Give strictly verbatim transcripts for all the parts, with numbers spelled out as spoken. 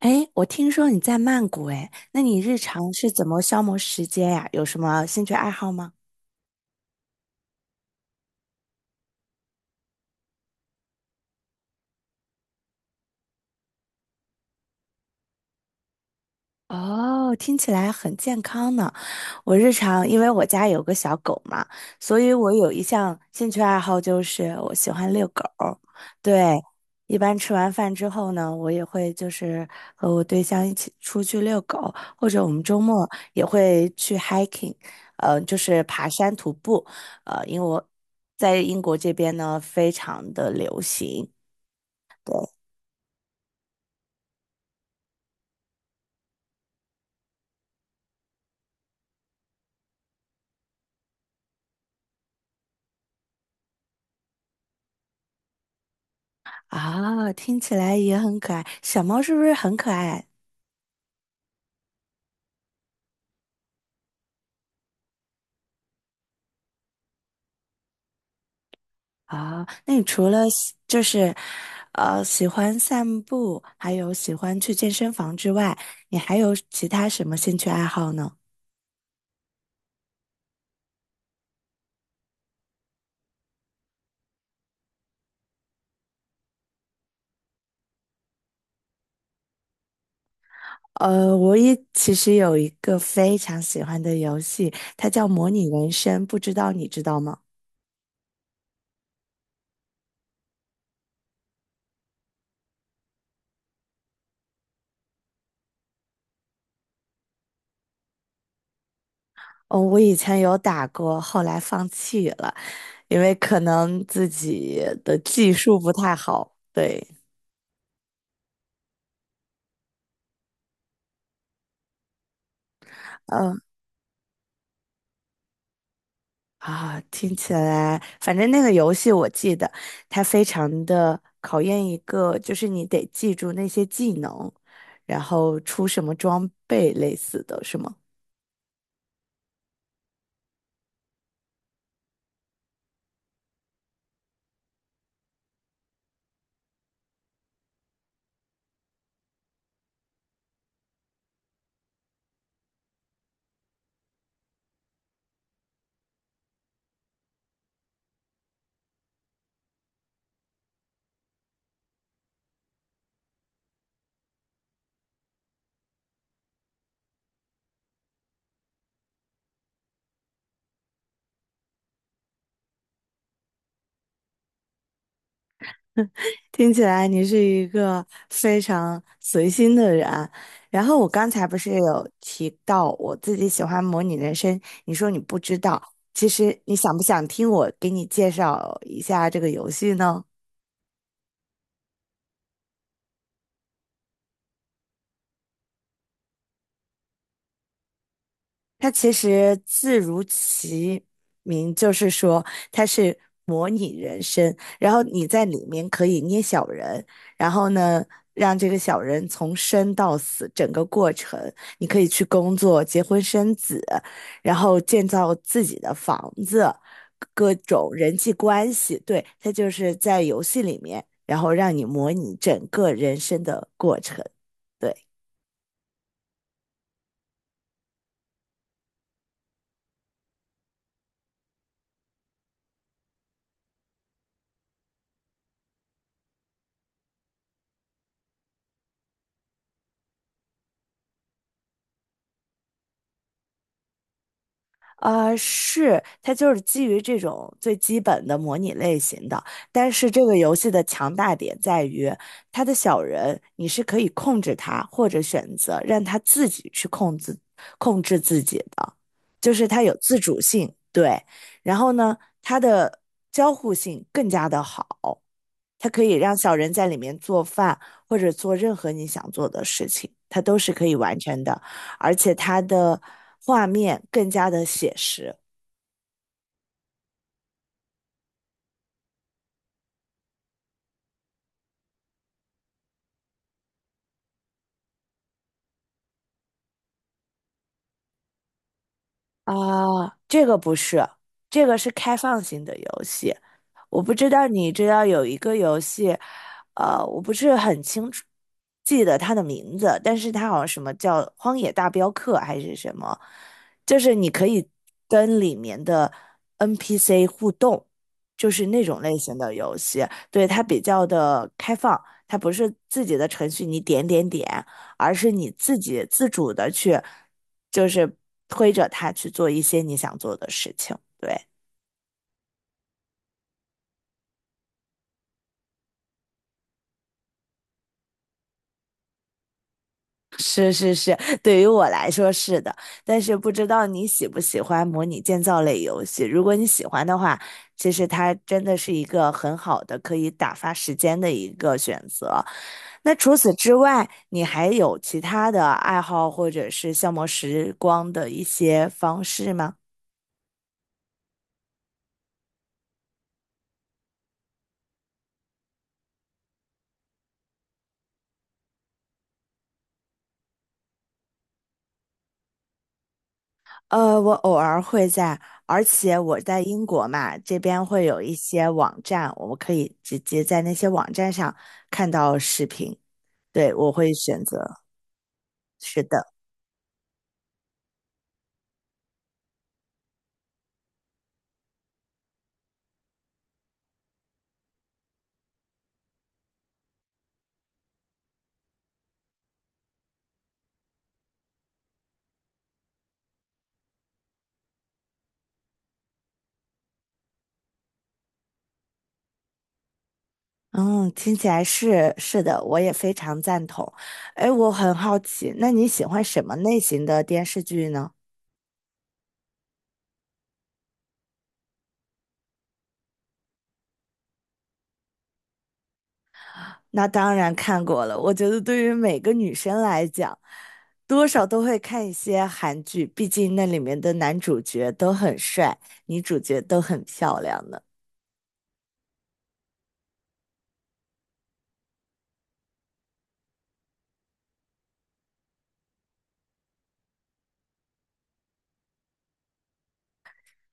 哎，我听说你在曼谷，哎，那你日常是怎么消磨时间呀？有什么兴趣爱好吗？哦，听起来很健康呢。我日常因为我家有个小狗嘛，所以我有一项兴趣爱好就是我喜欢遛狗。对，一般吃完饭之后呢，我也会就是和我对象一起出去遛狗，或者我们周末也会去 hiking，呃，就是爬山徒步。呃，因为我在英国这边呢，非常的流行啊，听起来也很可爱。小猫是不是很可爱啊？啊，那你除了喜就是，呃，喜欢散步，还有喜欢去健身房之外，你还有其他什么兴趣爱好呢？呃，我也其实有一个非常喜欢的游戏，它叫模拟人生，不知道你知道吗？哦，我以前有打过，后来放弃了，因为可能自己的技术不太好。对，嗯。啊，听起来，反正那个游戏我记得，它非常的考验一个，就是你得记住那些技能，然后出什么装备类似的，是吗？听起来你是一个非常随心的人啊，然后我刚才不是有提到我自己喜欢模拟人生，你说你不知道，其实你想不想听我给你介绍一下这个游戏呢？它其实字如其名，就是说它是模拟人生，然后你在里面可以捏小人，然后呢，让这个小人从生到死整个过程，你可以去工作、结婚生子，然后建造自己的房子，各种人际关系，对，它就是在游戏里面，然后让你模拟整个人生的过程。对。呃，是，它就是基于这种最基本的模拟类型的，但是这个游戏的强大点在于，它的小人你是可以控制他，或者选择让他自己去控制控制自己的，就是它有自主性，对。然后呢，它的交互性更加的好，它可以让小人在里面做饭，或者做任何你想做的事情，它都是可以完成的。而且它的画面更加的写实，啊，这个不是，这个是开放型的游戏。我不知道你知道有一个游戏，呃，我不是很清楚记得它的名字，但是它好像什么叫《荒野大镖客》还是什么，就是你可以跟里面的 N P C 互动，就是那种类型的游戏。对，它比较的开放，它不是自己的程序，你点点点。而是你自己自主的去，就是推着他去做一些你想做的事情。对，是是是，对于我来说是的，但是不知道你喜不喜欢模拟建造类游戏。如果你喜欢的话，其实它真的是一个很好的可以打发时间的一个选择。那除此之外，你还有其他的爱好或者是消磨时光的一些方式吗？呃，我偶尔会在，而且我在英国嘛，这边会有一些网站，我们可以直接在那些网站上看到视频。对，我会选择。是的，嗯，听起来是是的，我也非常赞同。哎，我很好奇，那你喜欢什么类型的电视剧呢？那当然看过了，我觉得对于每个女生来讲，多少都会看一些韩剧，毕竟那里面的男主角都很帅，女主角都很漂亮的。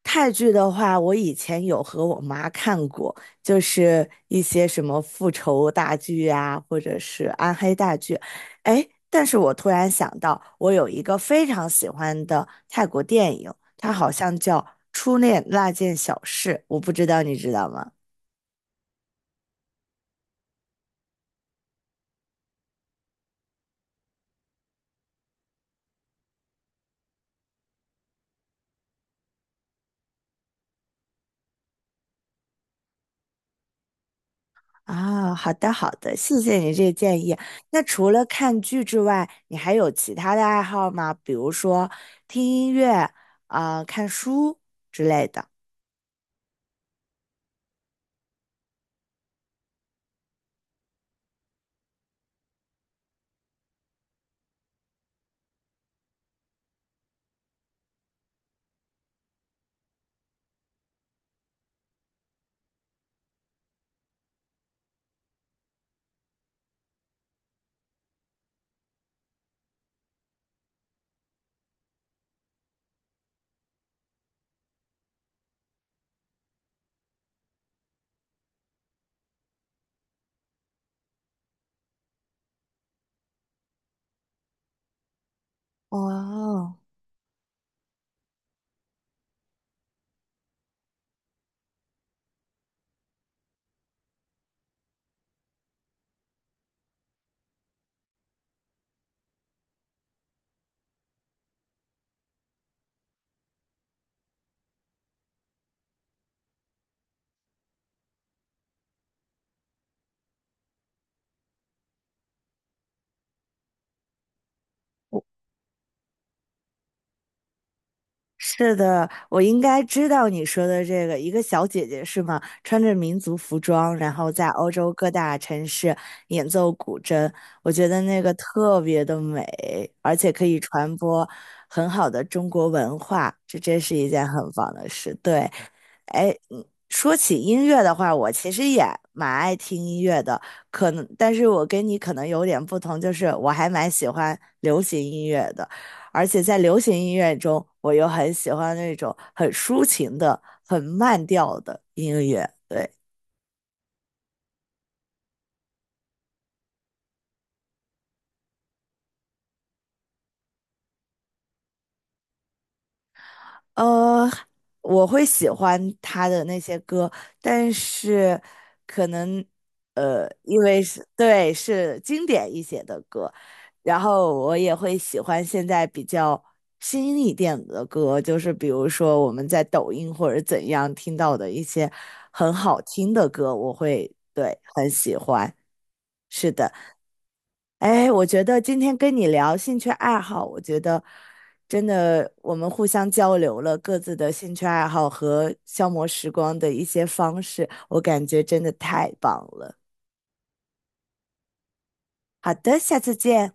泰剧的话，我以前有和我妈看过，就是一些什么复仇大剧啊，或者是暗黑大剧。哎，但是我突然想到，我有一个非常喜欢的泰国电影，它好像叫《初恋那件小事》，我不知道你知道吗？啊，好的好的，谢谢你这建议。那除了看剧之外，你还有其他的爱好吗？比如说听音乐啊，看书之类的。哦。是的，我应该知道你说的这个，一个小姐姐是吗？穿着民族服装，然后在欧洲各大城市演奏古筝，我觉得那个特别的美，而且可以传播很好的中国文化，这真是一件很棒的事。对，哎，嗯，说起音乐的话，我其实也蛮爱听音乐的，可能，但是我跟你可能有点不同，就是我还蛮喜欢流行音乐的。而且在流行音乐中，我又很喜欢那种很抒情的、很慢调的音乐。对，呃，我会喜欢他的那些歌，但是可能呃，因为是对是经典一些的歌，然后我也会喜欢现在比较新一点的歌，就是比如说我们在抖音或者怎样听到的一些很好听的歌，我会对很喜欢。是的。哎，我觉得今天跟你聊兴趣爱好，我觉得真的我们互相交流了各自的兴趣爱好和消磨时光的一些方式，我感觉真的太棒了。好的，下次见。